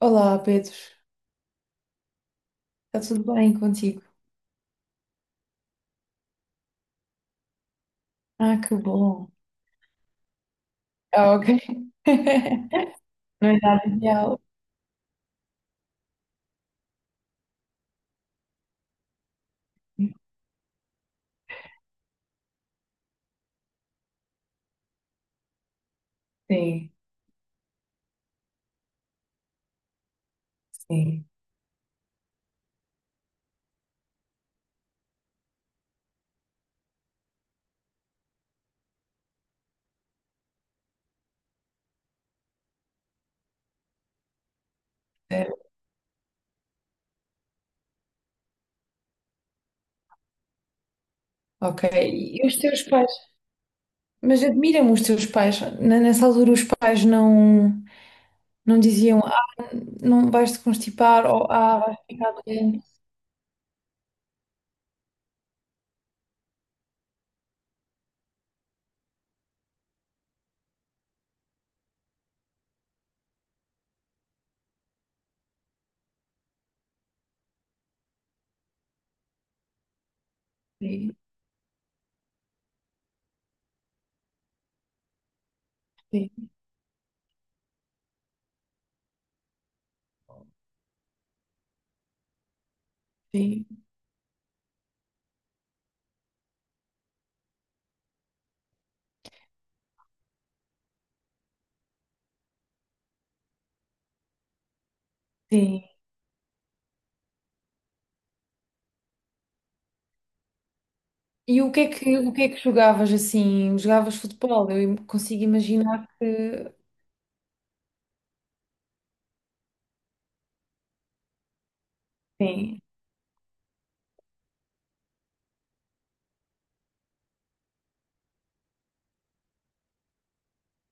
Olá, Pedro. Está tudo bem contigo? Ah, que bom. Ah, ok. Não é nada ideal. Sim, sim. É, ok. E os teus pais? Mas admiram me os teus pais. Nessa altura os pais não, não diziam, ah, não vais te constipar ou ah, vais ficar doente. Sim, sim, sim, sim. E o que é que, o que é que jogavas assim? Jogavas futebol? Consigo imaginar que... Sim.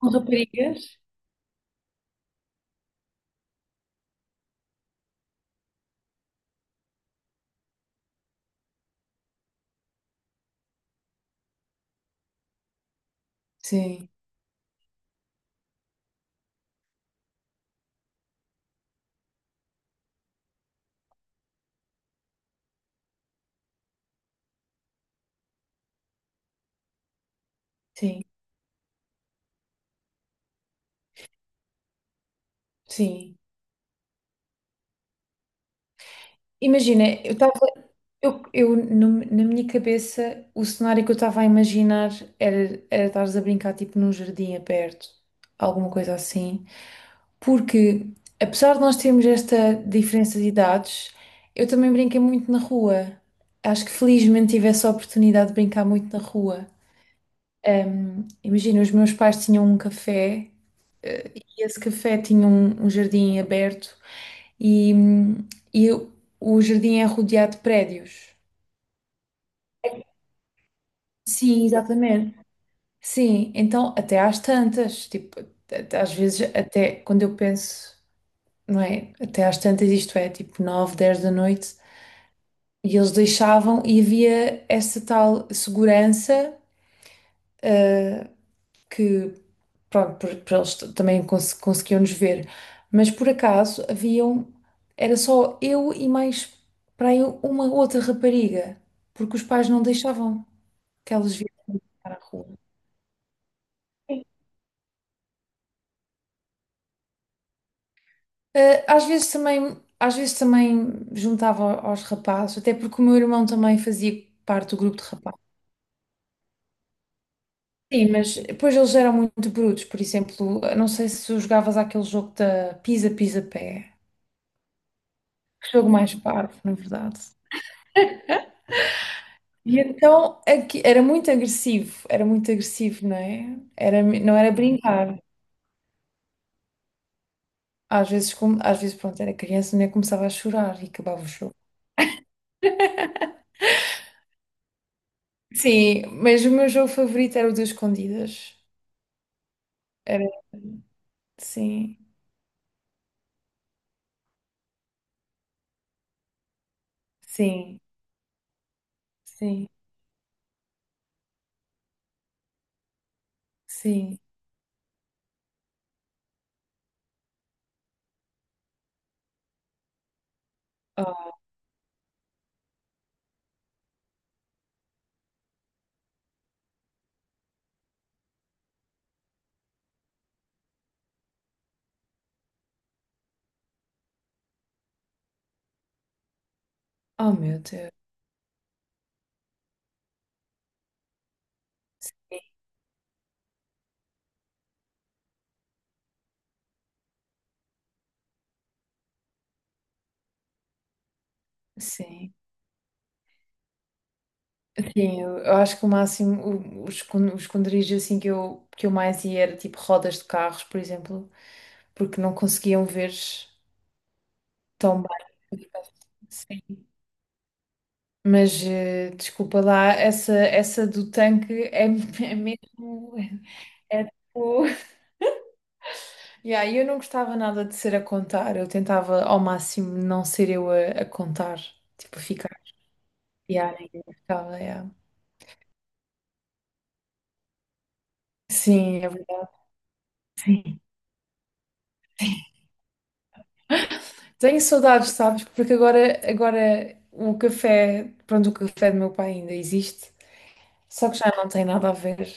Com raparigas? Sim, sim. Sim. Imagina, eu estava, eu no- na minha cabeça o cenário que eu estava a imaginar era, era estares a brincar tipo num jardim aberto, alguma coisa assim. Porque apesar de nós termos esta diferença de idades, eu também brinquei muito na rua. Acho que felizmente tive essa oportunidade de brincar muito na rua. Imagina, os meus pais tinham um café, e esse café tinha um jardim aberto e, hum, e o jardim é rodeado de prédios. Sim, exatamente. Sim, então até às tantas, tipo, às vezes até quando eu penso, não é? Até às tantas, isto é, tipo nove dez da noite, e eles deixavam e havia essa tal segurança, eh, que, pronto, para eles também conseguiam nos ver. Mas por acaso haviam, era só eu e mais para aí uma outra rapariga, porque os pais não deixavam que elas viessem para a rua. Às vezes também juntava aos rapazes, até porque o meu irmão também fazia parte do grupo de rapazes. Sim, mas depois eles eram muito brutos, por exemplo, eu não sei se tu jogavas aquele jogo da pisa, pisa, pé. Que jogo mais parvo, na verdade. Era muito agressivo, era muito agressivo, não é? Era, não era brincar. Às vezes, como, às vezes, pronto, era criança, nem começava a chorar e acabava o jogo. Sim, mas o meu jogo favorito era o das escondidas. Era, sim, sim, sim, sim. Oh, oh meu Deus. Sim, sim. Sim, eu acho que o máximo, o, o esconderijo assim que eu mais ia era tipo rodas de carros, por exemplo, porque não conseguiam ver. Tão bem. Sim. Mas desculpa lá, essa do tanque é, é mesmo. É tipo. Yeah, eu não gostava nada de ser a contar, eu tentava ao máximo não ser eu a contar, tipo, a ficar. Yeah, ninguém gostava, yeah. Sim, é verdade. Sim. Tenho saudades, sabes? Porque agora, agora o café, pronto, o café do meu pai ainda existe. Só que já não tem nada a ver.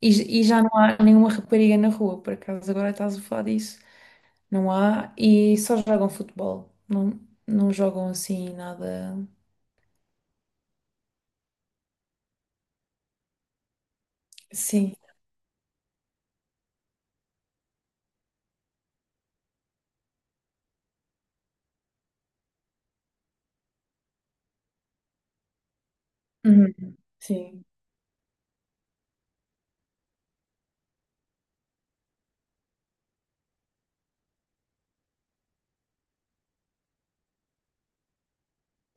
E, e já não há nenhuma rapariga na rua, por acaso agora estás a falar disso. Não há, e só jogam futebol. Não, não jogam assim nada. Sim. Uhum. Sim,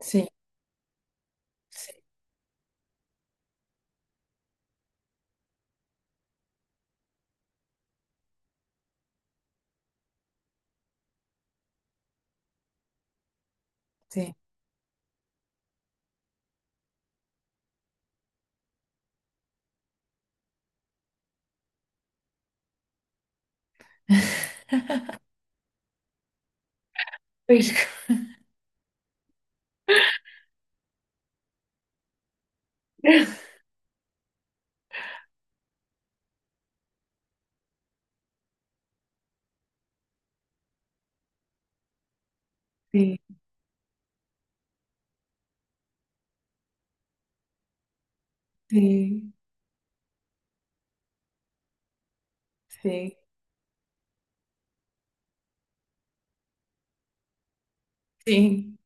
sim, sim, sim. Pois. Sim, sim, sim, sim.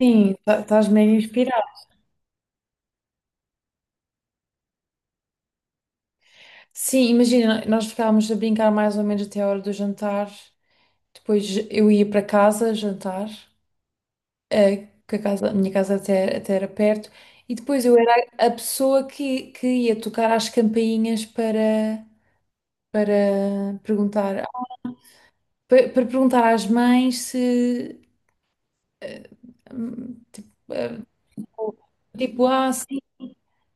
Sim, estás meio inspirado. Sim, imagina, nós ficávamos a brincar mais ou menos até a hora do jantar. Depois eu ia para casa jantar. Que a casa, a minha casa até, até era perto, e depois eu era a pessoa que ia tocar às campainhas para perguntar, para, para perguntar às mães se, eh, tipo, tipo, ah, sim,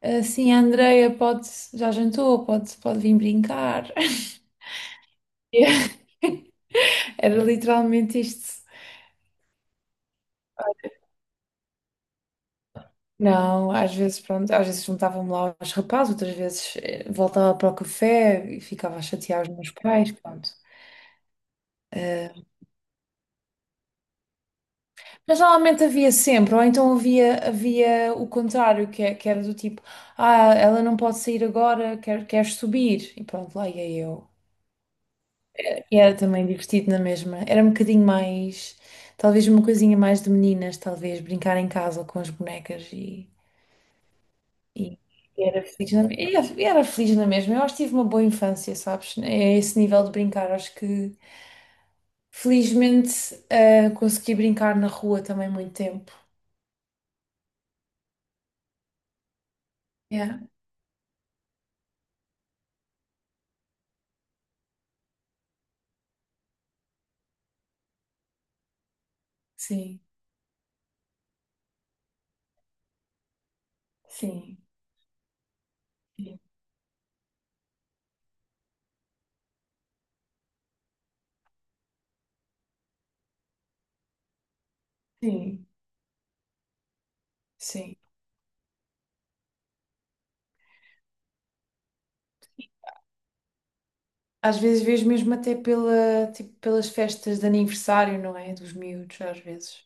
ah, sim, a Andreia pode, já jantou, pode, pode vir brincar. Era literalmente isto. Não, às vezes, pronto, às vezes juntava-me lá aos rapazes, outras vezes voltava para o café e ficava a chatear os meus pais, pronto. Eh, mas normalmente havia sempre, ou então havia, havia o contrário, que, que era do tipo, ah, ela não pode sair agora, quer, quer subir, e pronto, lá ia eu. E era também divertido na mesma, era um bocadinho mais, talvez uma coisinha mais de meninas, talvez, brincar em casa com as bonecas. E era feliz na, e era feliz na mesma. Eu acho que tive uma boa infância, sabes? É esse nível de brincar. Acho que felizmente consegui brincar na rua também muito tempo. Yeah. Sim, sim, sim, sim. Sim. Às vezes vejo mesmo até pela, tipo, pelas festas de aniversário, não é? Dos miúdos, às vezes.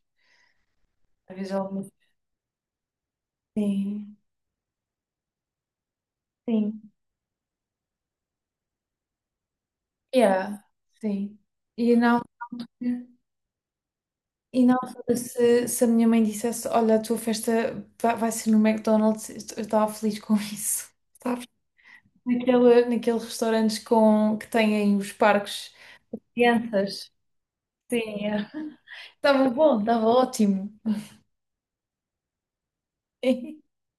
Às vezes alguma. Sim, sim. Yeah, sim. E não. E na altura, se a minha mãe dissesse: Olha, a tua festa vai ser no McDonald's, eu estava feliz com isso. Sabes? Naquele, naqueles restaurantes com, que têm os parques. Crianças. Sim, é. Estava bom, estava ótimo.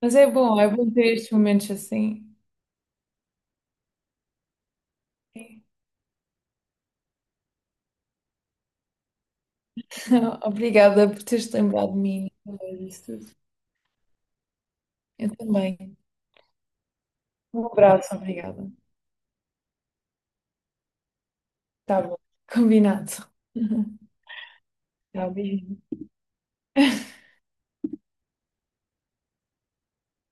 Mas é bom ter estes momentos assim. Sim. Obrigada por teres lembrado de mim. Eu também. Um abraço, obrigada. Tá bom, combinado. Tchau, beijinho.